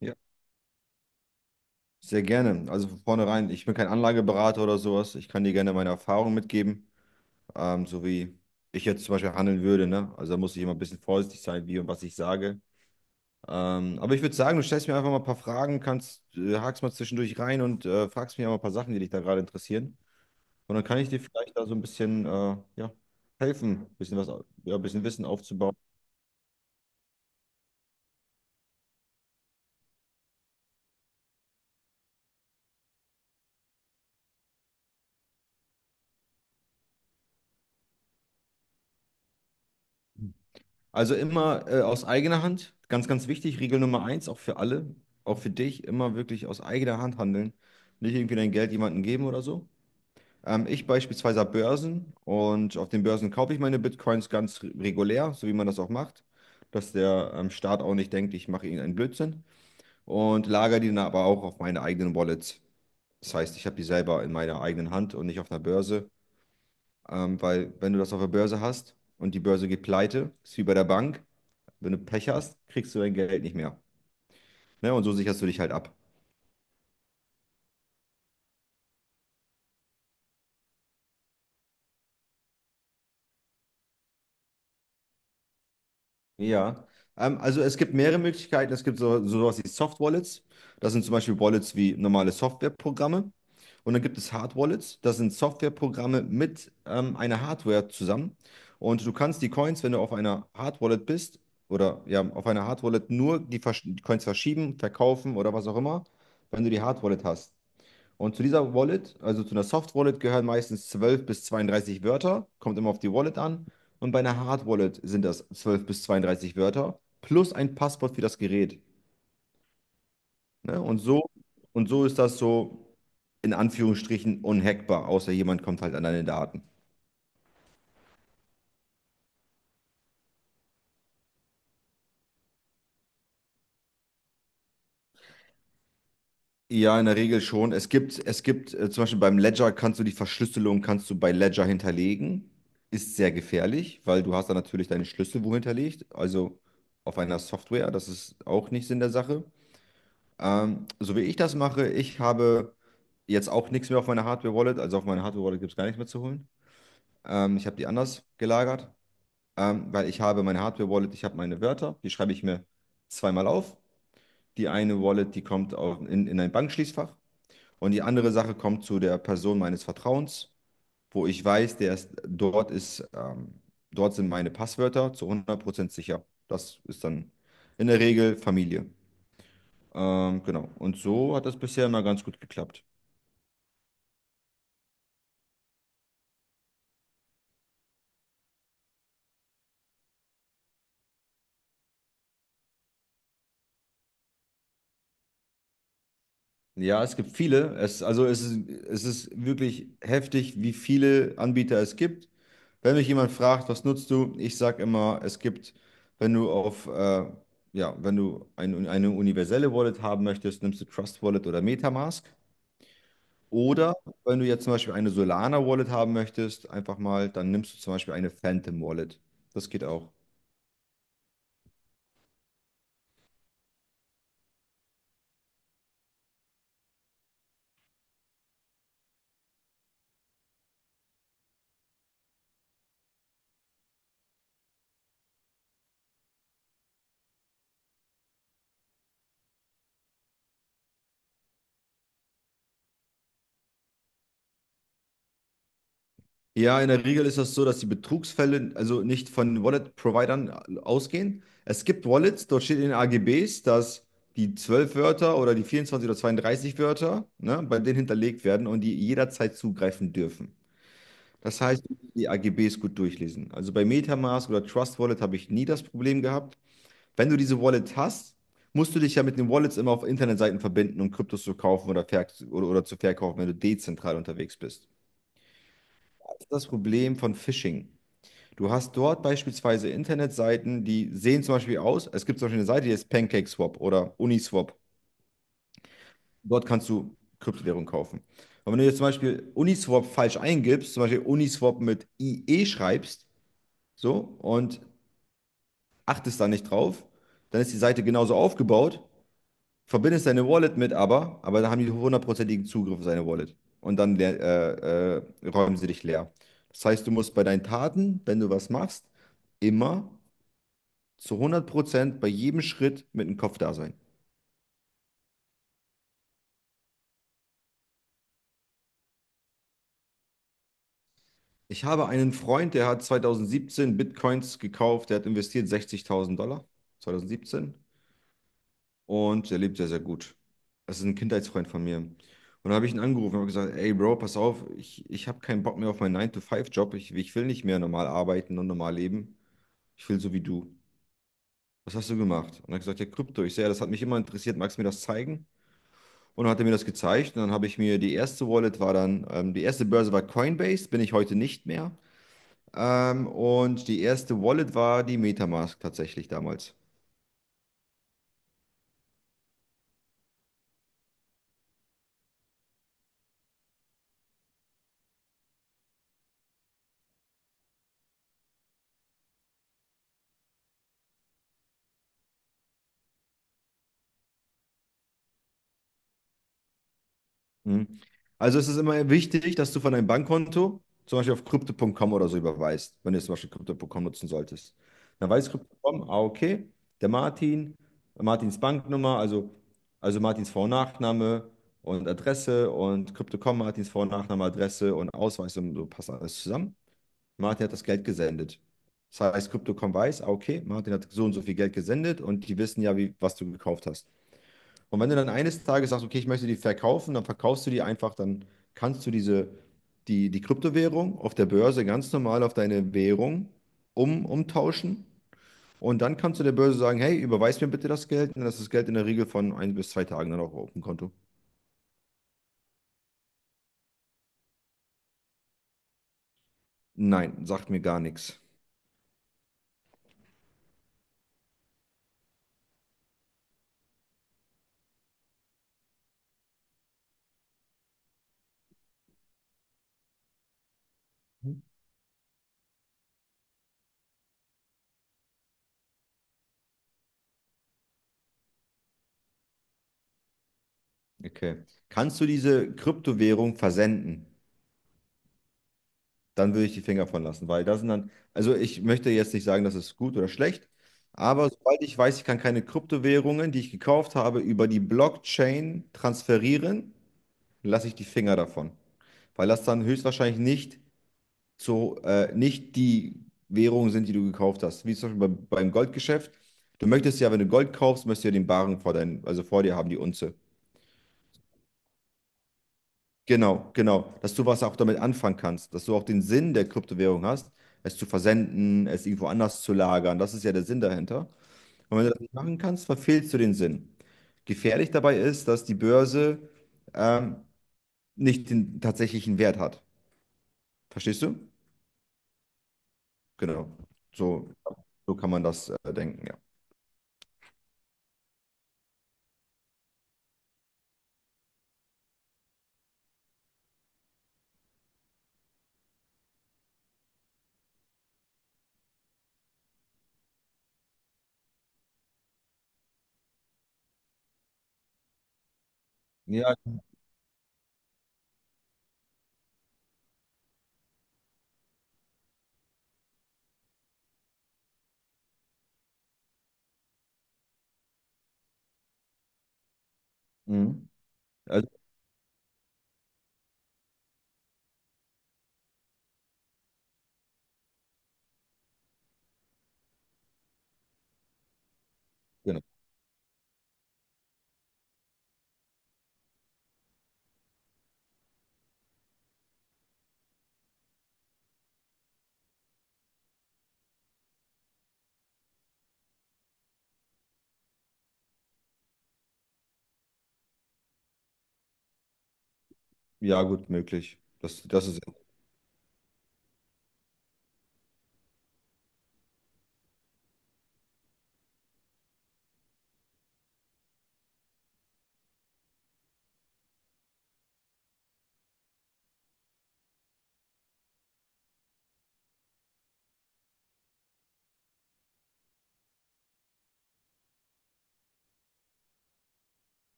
Ja, sehr gerne. Also von vornherein, ich bin kein Anlageberater oder sowas. Ich kann dir gerne meine Erfahrungen mitgeben, so wie ich jetzt zum Beispiel handeln würde. Ne? Also da muss ich immer ein bisschen vorsichtig sein, wie und was ich sage. Aber ich würde sagen, du stellst mir einfach mal ein paar Fragen, kannst, hakst mal zwischendurch rein und fragst mich auch mal ein paar Sachen, die dich da gerade interessieren. Und dann kann ich dir vielleicht da so ein bisschen ja, helfen, ein bisschen was, ja, ein bisschen Wissen aufzubauen. Also immer aus eigener Hand, ganz, ganz wichtig, Regel Nummer eins, auch für alle, auch für dich, immer wirklich aus eigener Hand handeln. Nicht irgendwie dein Geld jemandem geben oder so. Ich beispielsweise habe Börsen und auf den Börsen kaufe ich meine Bitcoins ganz regulär, so wie man das auch macht, dass der Staat auch nicht denkt, ich mache irgendeinen Blödsinn, und lagere die dann aber auch auf meine eigenen Wallets. Das heißt, ich habe die selber in meiner eigenen Hand und nicht auf einer Börse, weil wenn du das auf der Börse hast und die Börse geht pleite, ist wie bei der Bank. Wenn du Pech hast, kriegst du dein Geld nicht mehr. Ne? Und so sicherst du dich halt ab. Ja. Also es gibt mehrere Möglichkeiten. Es gibt sowas wie Soft Wallets. Das sind zum Beispiel Wallets wie normale Softwareprogramme. Und dann gibt es Hard Wallets. Das sind Softwareprogramme mit einer Hardware zusammen. Und du kannst die Coins, wenn du auf einer Hard Wallet bist, oder ja, auf einer Hard Wallet nur die Coins verschieben, verkaufen oder was auch immer, wenn du die Hard Wallet hast. Und zu dieser Wallet, also zu einer Soft Wallet, gehören meistens 12 bis 32 Wörter, kommt immer auf die Wallet an. Und bei einer Hard Wallet sind das 12 bis 32 Wörter plus ein Passwort für das Gerät. Ne? Und so ist das so in Anführungsstrichen unhackbar, außer jemand kommt halt an deine Daten. Ja, in der Regel schon. Es gibt zum Beispiel beim Ledger kannst du die Verschlüsselung kannst du bei Ledger hinterlegen. Ist sehr gefährlich, weil du hast dann natürlich deine Schlüssel wo hinterlegt, also auf einer Software. Das ist auch nicht Sinn der Sache. So wie ich das mache, ich habe jetzt auch nichts mehr auf meiner Hardware-Wallet. Also auf meiner Hardware-Wallet gibt es gar nichts mehr zu holen. Ich habe die anders gelagert, weil ich habe meine Hardware-Wallet, ich habe meine Wörter, die schreibe ich mir zweimal auf. Die eine Wallet, die kommt auf, in ein Bankschließfach. Und die andere Sache kommt zu der Person meines Vertrauens, wo ich weiß, der ist, dort sind meine Passwörter zu 100% sicher. Das ist dann in der Regel Familie. Genau. Und so hat das bisher immer ganz gut geklappt. Ja, es gibt viele. Es, also es ist wirklich heftig, wie viele Anbieter es gibt. Wenn mich jemand fragt, was nutzt du? Ich sage immer, es gibt, wenn du auf, ja, wenn du ein, eine universelle Wallet haben möchtest, nimmst du Trust Wallet oder MetaMask. Oder wenn du jetzt zum Beispiel eine Solana Wallet haben möchtest, einfach mal, dann nimmst du zum Beispiel eine Phantom Wallet. Das geht auch. Ja, in der Regel ist das so, dass die Betrugsfälle also nicht von Wallet-Providern ausgehen. Es gibt Wallets, dort steht in den AGBs, dass die 12 Wörter oder die 24 oder 32 Wörter, ne, bei denen hinterlegt werden und die jederzeit zugreifen dürfen. Das heißt, die AGBs gut durchlesen. Also bei MetaMask oder Trust Wallet habe ich nie das Problem gehabt. Wenn du diese Wallet hast, musst du dich ja mit den Wallets immer auf Internetseiten verbinden, um Kryptos zu kaufen oder, oder zu verkaufen, wenn du dezentral unterwegs bist. Das ist das Problem von Phishing. Du hast dort beispielsweise Internetseiten, die sehen zum Beispiel aus, es gibt zum Beispiel eine Seite, die heißt PancakeSwap oder Uniswap. Dort kannst du Kryptowährung kaufen. Und wenn du jetzt zum Beispiel Uniswap falsch eingibst, zum Beispiel Uniswap mit IE schreibst, so, und achtest da nicht drauf, dann ist die Seite genauso aufgebaut, verbindest deine Wallet mit, aber dann haben die hundertprozentigen Zugriff auf deine Wallet. Und dann räumen sie dich leer. Das heißt, du musst bei deinen Taten, wenn du was machst, immer zu 100% bei jedem Schritt mit dem Kopf da sein. Ich habe einen Freund, der hat 2017 Bitcoins gekauft, der hat investiert 60.000 Dollar, 2017. Und der lebt sehr, sehr gut. Das ist ein Kindheitsfreund von mir. Und da habe ich ihn angerufen und habe gesagt, ey Bro, pass auf, ich habe keinen Bock mehr auf meinen nine to five job. Ich will nicht mehr normal arbeiten und normal leben. Ich will so wie du. Was hast du gemacht? Und er hat gesagt, ja, Krypto. Ich sehe, ja, das hat mich immer interessiert. Magst du mir das zeigen? Und dann hat er mir das gezeigt. Und dann habe ich mir die erste Wallet war dann, die erste Börse war Coinbase, bin ich heute nicht mehr. Und die erste Wallet war die Metamask tatsächlich damals. Mhm. Also es ist immer wichtig, dass du von deinem Bankkonto zum Beispiel auf crypto.com oder so überweist, wenn du jetzt zum Beispiel crypto.com nutzen solltest. Dann weiß crypto.com, ah, okay, der Martin, Martins Banknummer, also Martins Vor- und Nachname und Adresse und crypto.com, Martins Vor- und Nachname, Adresse und Ausweis und so passt alles zusammen. Martin hat das Geld gesendet. Das heißt, crypto.com weiß, ah, okay, Martin hat so und so viel Geld gesendet und die wissen ja, wie, was du gekauft hast. Und wenn du dann eines Tages sagst, okay, ich möchte die verkaufen, dann verkaufst du die einfach, dann kannst du diese, die, die Kryptowährung auf der Börse ganz normal auf deine Währung um, umtauschen. Und dann kannst du der Börse sagen, hey, überweis mir bitte das Geld. Und dann ist das Geld in der Regel von ein bis zwei Tagen dann auch auf dem Konto. Nein, sagt mir gar nichts. Okay. Kannst du diese Kryptowährung versenden? Dann würde ich die Finger von lassen, weil das sind dann, also ich möchte jetzt nicht sagen, das ist gut oder schlecht, aber sobald ich weiß, ich kann keine Kryptowährungen, die ich gekauft habe, über die Blockchain transferieren, lasse ich die Finger davon, weil das dann höchstwahrscheinlich nicht zu, nicht die Währungen sind, die du gekauft hast, wie zum Beispiel bei, beim Goldgeschäft. Du möchtest ja, wenn du Gold kaufst, möchtest du ja den Barren vor dein, also vor dir haben, die Unze. Genau, genau. Dass du was auch damit anfangen kannst, dass du auch den Sinn der Kryptowährung hast, es zu versenden, es irgendwo anders zu lagern. Das ist ja der Sinn dahinter. Und wenn du das nicht machen kannst, verfehlst du den Sinn. Gefährlich dabei ist, dass die Börse ähm, nicht den tatsächlichen Wert hat. Verstehst du? Genau. So, so kann man das denken, ja. Ja, mhm. Also, genau. Ja, gut, möglich. Das ist,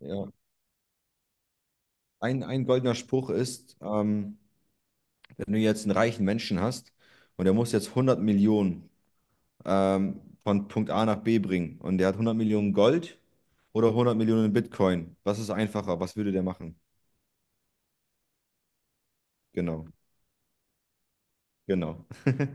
ja. Ein goldener Spruch ist, wenn du jetzt einen reichen Menschen hast und der muss jetzt 100 Millionen von Punkt A nach B bringen und der hat 100 Millionen Gold oder 100 Millionen Bitcoin, was ist einfacher? Was würde der machen? Genau, genau.